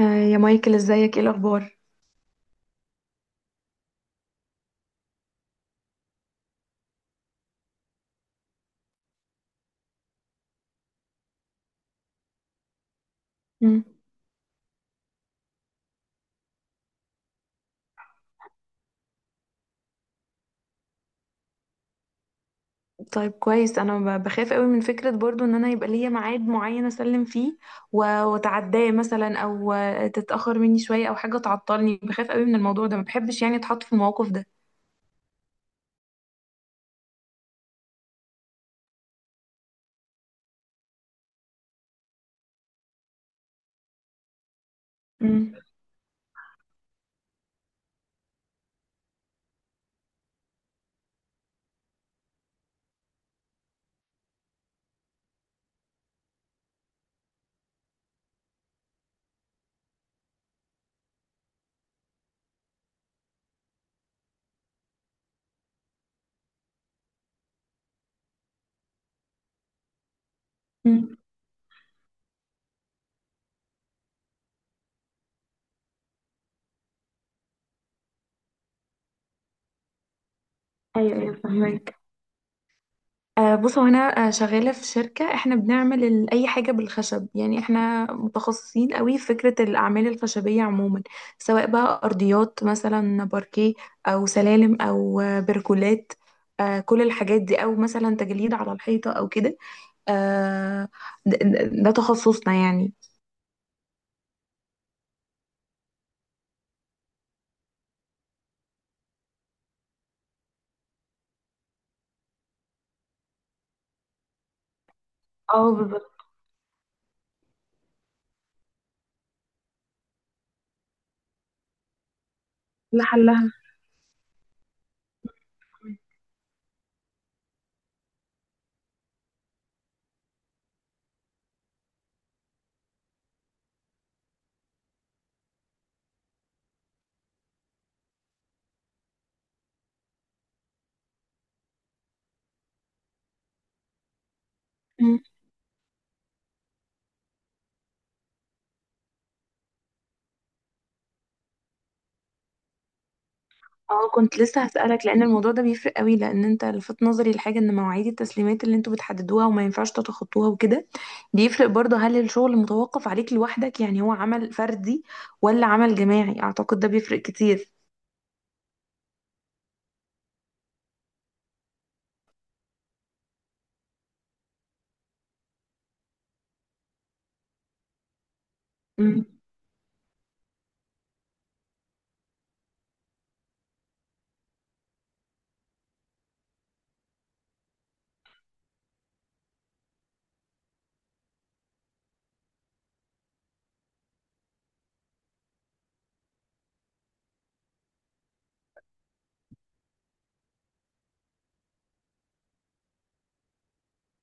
يا مايكل، ازيك؟ ايه الاخبار؟ مم. طيب، كويس. انا بخاف قوي من فكره برضو ان انا يبقى ليا ميعاد معين اسلم فيه واتعداه مثلا، او تتاخر مني شويه او حاجه تعطلني. بخاف قوي من الموضوع ده، ما بحبش يعني اتحط في الموقف ده. امم. ايوه، ايوه، فهمك. بص، هو انا شغاله في شركه، احنا بنعمل اي حاجه بالخشب، يعني احنا متخصصين قوي في فكره الاعمال الخشبيه عموما، سواء بقى ارضيات مثلا باركيه، او سلالم، او بركولات، كل الحاجات دي، او مثلا تجليد على الحيطه او كده. آه، ده تخصصنا يعني. اه، بالظبط. لحلها. اه، كنت لسه هسألك، لأن الموضوع ده بيفرق قوي. لأن انت لفت نظري لحاجة، ان مواعيد التسليمات اللي انتوا بتحددوها وما ينفعش تتخطوها وكده، بيفرق برضه هل الشغل متوقف عليك لوحدك، يعني هو عمل فردي ولا عمل جماعي؟ أعتقد ده بيفرق كتير. مم.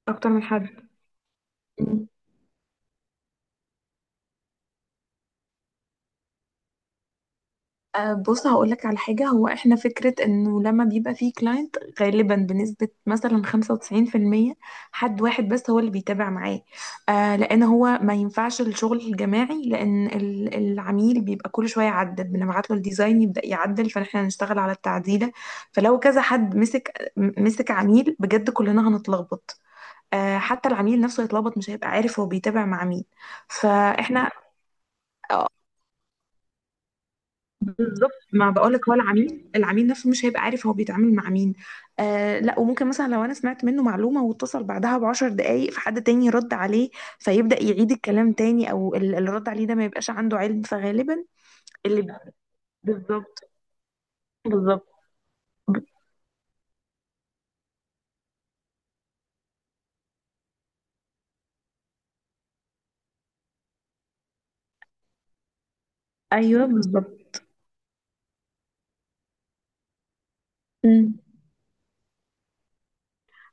أكتر من حد. بص، هقولك على حاجة. هو احنا فكرة انه لما بيبقى فيه كلاينت، غالبا بنسبة مثلا 95% حد واحد بس هو اللي بيتابع معاه. لان هو ما ينفعش الشغل الجماعي، لان العميل بيبقى كل شوية يعدل، بنبعت له الديزاين يبدأ يعدل، فاحنا هنشتغل على التعديلة. فلو كذا حد مسك مسك عميل، بجد كلنا هنتلخبط. حتى العميل نفسه يتلخبط، مش هيبقى عارف هو بيتابع مع مين. فاحنا بالظبط، ما بقولك، هو العميل نفسه مش هيبقى عارف هو بيتعامل مع مين. لا، وممكن مثلا لو انا سمعت منه معلومه واتصل بعدها ب10 دقايق فحد تاني رد عليه، فيبدا يعيد الكلام تاني، او اللي رد عليه ده ما يبقاش عنده علم، فغالبا. اللي بالظبط. بالظبط. ب- ايوه، بالظبط.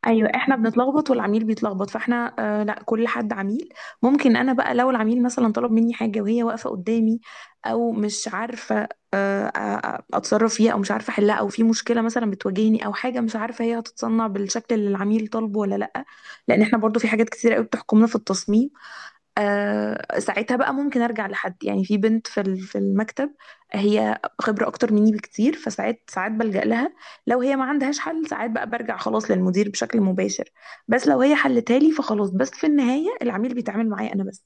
ايوه، احنا بنتلخبط والعميل بيتلخبط. فاحنا لا، كل حد عميل. ممكن انا بقى لو العميل مثلا طلب مني حاجه وهي واقفه قدامي، او مش عارفه اتصرف فيها، او مش عارفه احلها، او في مشكله مثلا بتواجهني، او حاجه مش عارفه هي هتتصنع بالشكل اللي العميل طالبه ولا لا. لان احنا برضو في حاجات كتير قوي بتحكمنا في التصميم. ساعتها بقى ممكن ارجع لحد، يعني في بنت في المكتب، هي خبره اكتر مني بكتير، فساعات ساعات بلجأ لها. لو هي ما عندهاش حل، ساعات بقى برجع خلاص للمدير بشكل مباشر. بس لو هي حلتها لي فخلاص، بس في النهايه العميل بيتعامل معايا انا بس.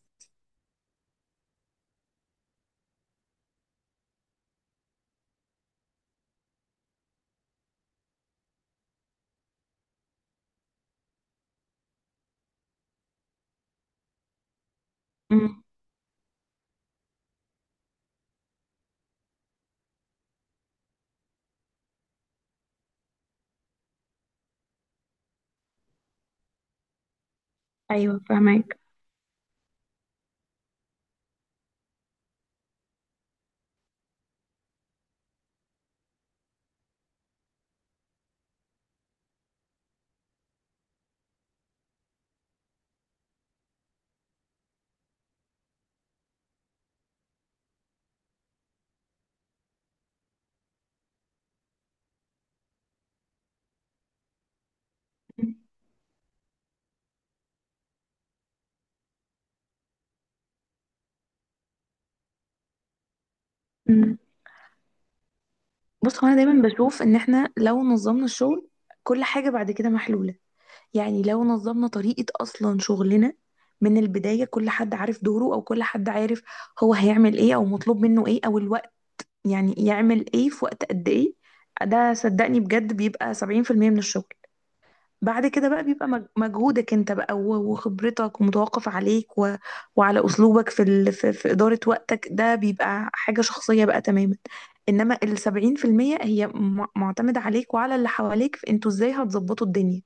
امم. ايوه، فهمك. امم. بص، هو انا دايما بشوف ان احنا لو نظمنا الشغل، كل حاجه بعد كده محلوله. يعني لو نظمنا طريقة أصلا شغلنا من البداية، كل حد عارف دوره، أو كل حد عارف هو هيعمل إيه، أو مطلوب منه إيه، أو الوقت يعني يعمل إيه في وقت قد إيه. ده صدقني بجد بيبقى 70% من الشغل. بعد كده بقى بيبقى مجهودك أنت بقى وخبرتك، ومتوقف عليك وعلى أسلوبك في إدارة وقتك. ده بيبقى حاجة شخصية بقى تماما. إنما ال70% هي معتمدة عليك وعلى اللي حواليك في أنتوا إزاي هتظبطوا الدنيا.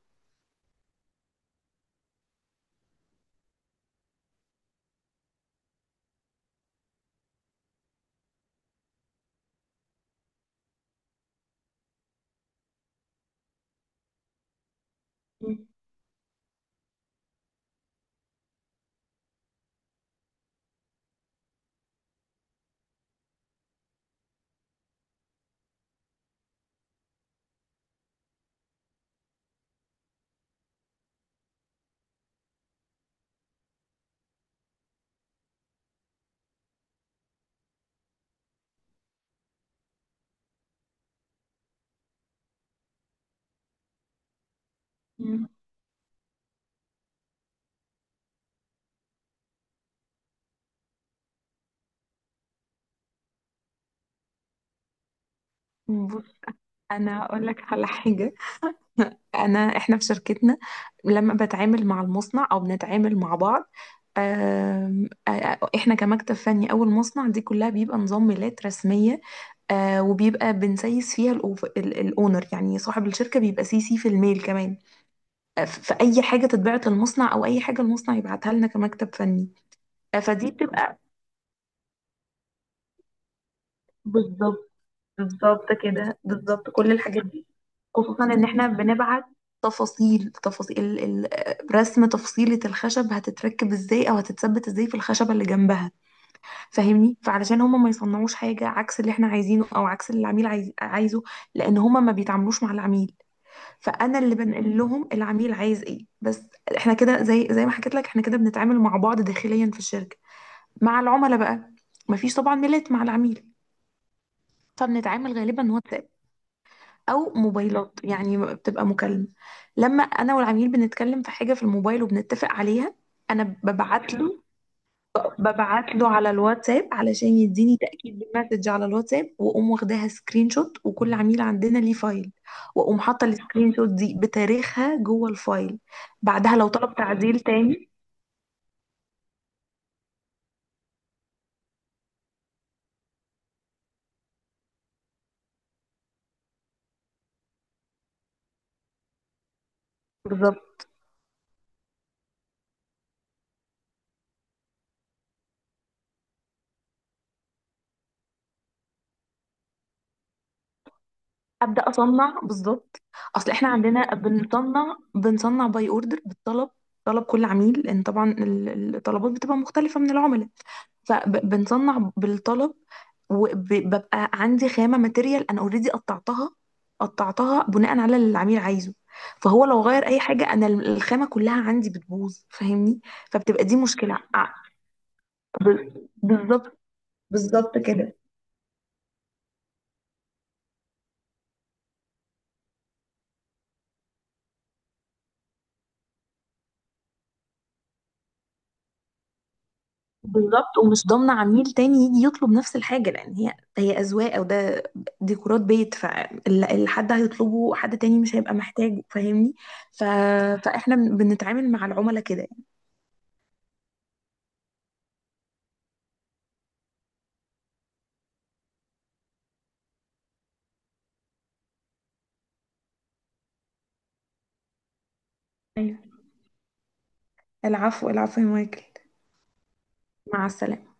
انا هقول لك على حاجه. انا احنا في شركتنا لما بتعامل مع المصنع او بنتعامل مع بعض، آم، آه، احنا كمكتب فني او المصنع، دي كلها بيبقى نظام ميلات رسميه. وبيبقى بنسيس فيها الاونر، يعني صاحب الشركه، بيبقى سي سي في الميل كمان. في اي حاجه تتبعت المصنع، او اي حاجه المصنع يبعتها لنا كمكتب فني. فدي بتبقى بالظبط. بالظبط كده، بالظبط كل الحاجات دي. خصوصا ان احنا بنبعت تفاصيل، تفاصيل رسم تفصيلة الخشب هتتركب ازاي، او هتتثبت ازاي في الخشبة اللي جنبها، فاهمني؟ فعلشان هما ما يصنعوش حاجة عكس اللي احنا عايزينه، او عكس اللي العميل عايزه. لان هما ما بيتعاملوش مع العميل، فانا اللي بنقل لهم العميل عايز ايه بس. احنا كده، زي ما حكيت لك، احنا كده بنتعامل مع بعض داخليا في الشركة. مع العملاء بقى مفيش طبعا ميلات مع العميل، فبنتعامل غالبا واتساب او موبايلات. يعني بتبقى مكالمه، لما انا والعميل بنتكلم في حاجه في الموبايل وبنتفق عليها، انا ببعت له على الواتساب علشان يديني تاكيد بالمسج على الواتساب، واقوم واخداها سكرين شوت. وكل عميل عندنا ليه فايل، واقوم حاطه السكرين شوت دي بتاريخها جوه الفايل. بعدها لو طلب تعديل تاني، بالظبط. ابدا اصنع بالظبط. اصل احنا عندنا بنصنع، باي اوردر، بالطلب. طلب كل عميل، لان طبعا الطلبات بتبقى مختلفه من العملاء. فبنصنع بالطلب. وببقى عندي خامة ماتيريال انا اوريدي قطعتها، قطعتها بناء على اللي العميل عايزه. فهو لو غير اي حاجة، انا الخامة كلها عندي بتبوظ، فاهمني؟ فبتبقى دي مشكلة. بالظبط. بالظبط كده، بالظبط. ومش ضامنة عميل تاني يجي يطلب نفس الحاجة، لأن هي هي أذواق، أو ده ديكورات بيت، فاللي حد هيطلبه حد تاني مش هيبقى محتاجه، فاهمني؟ ف... فإحنا بنتعامل مع العملاء كده. يعني، العفو، العفو يا مايكل. مع السلامة.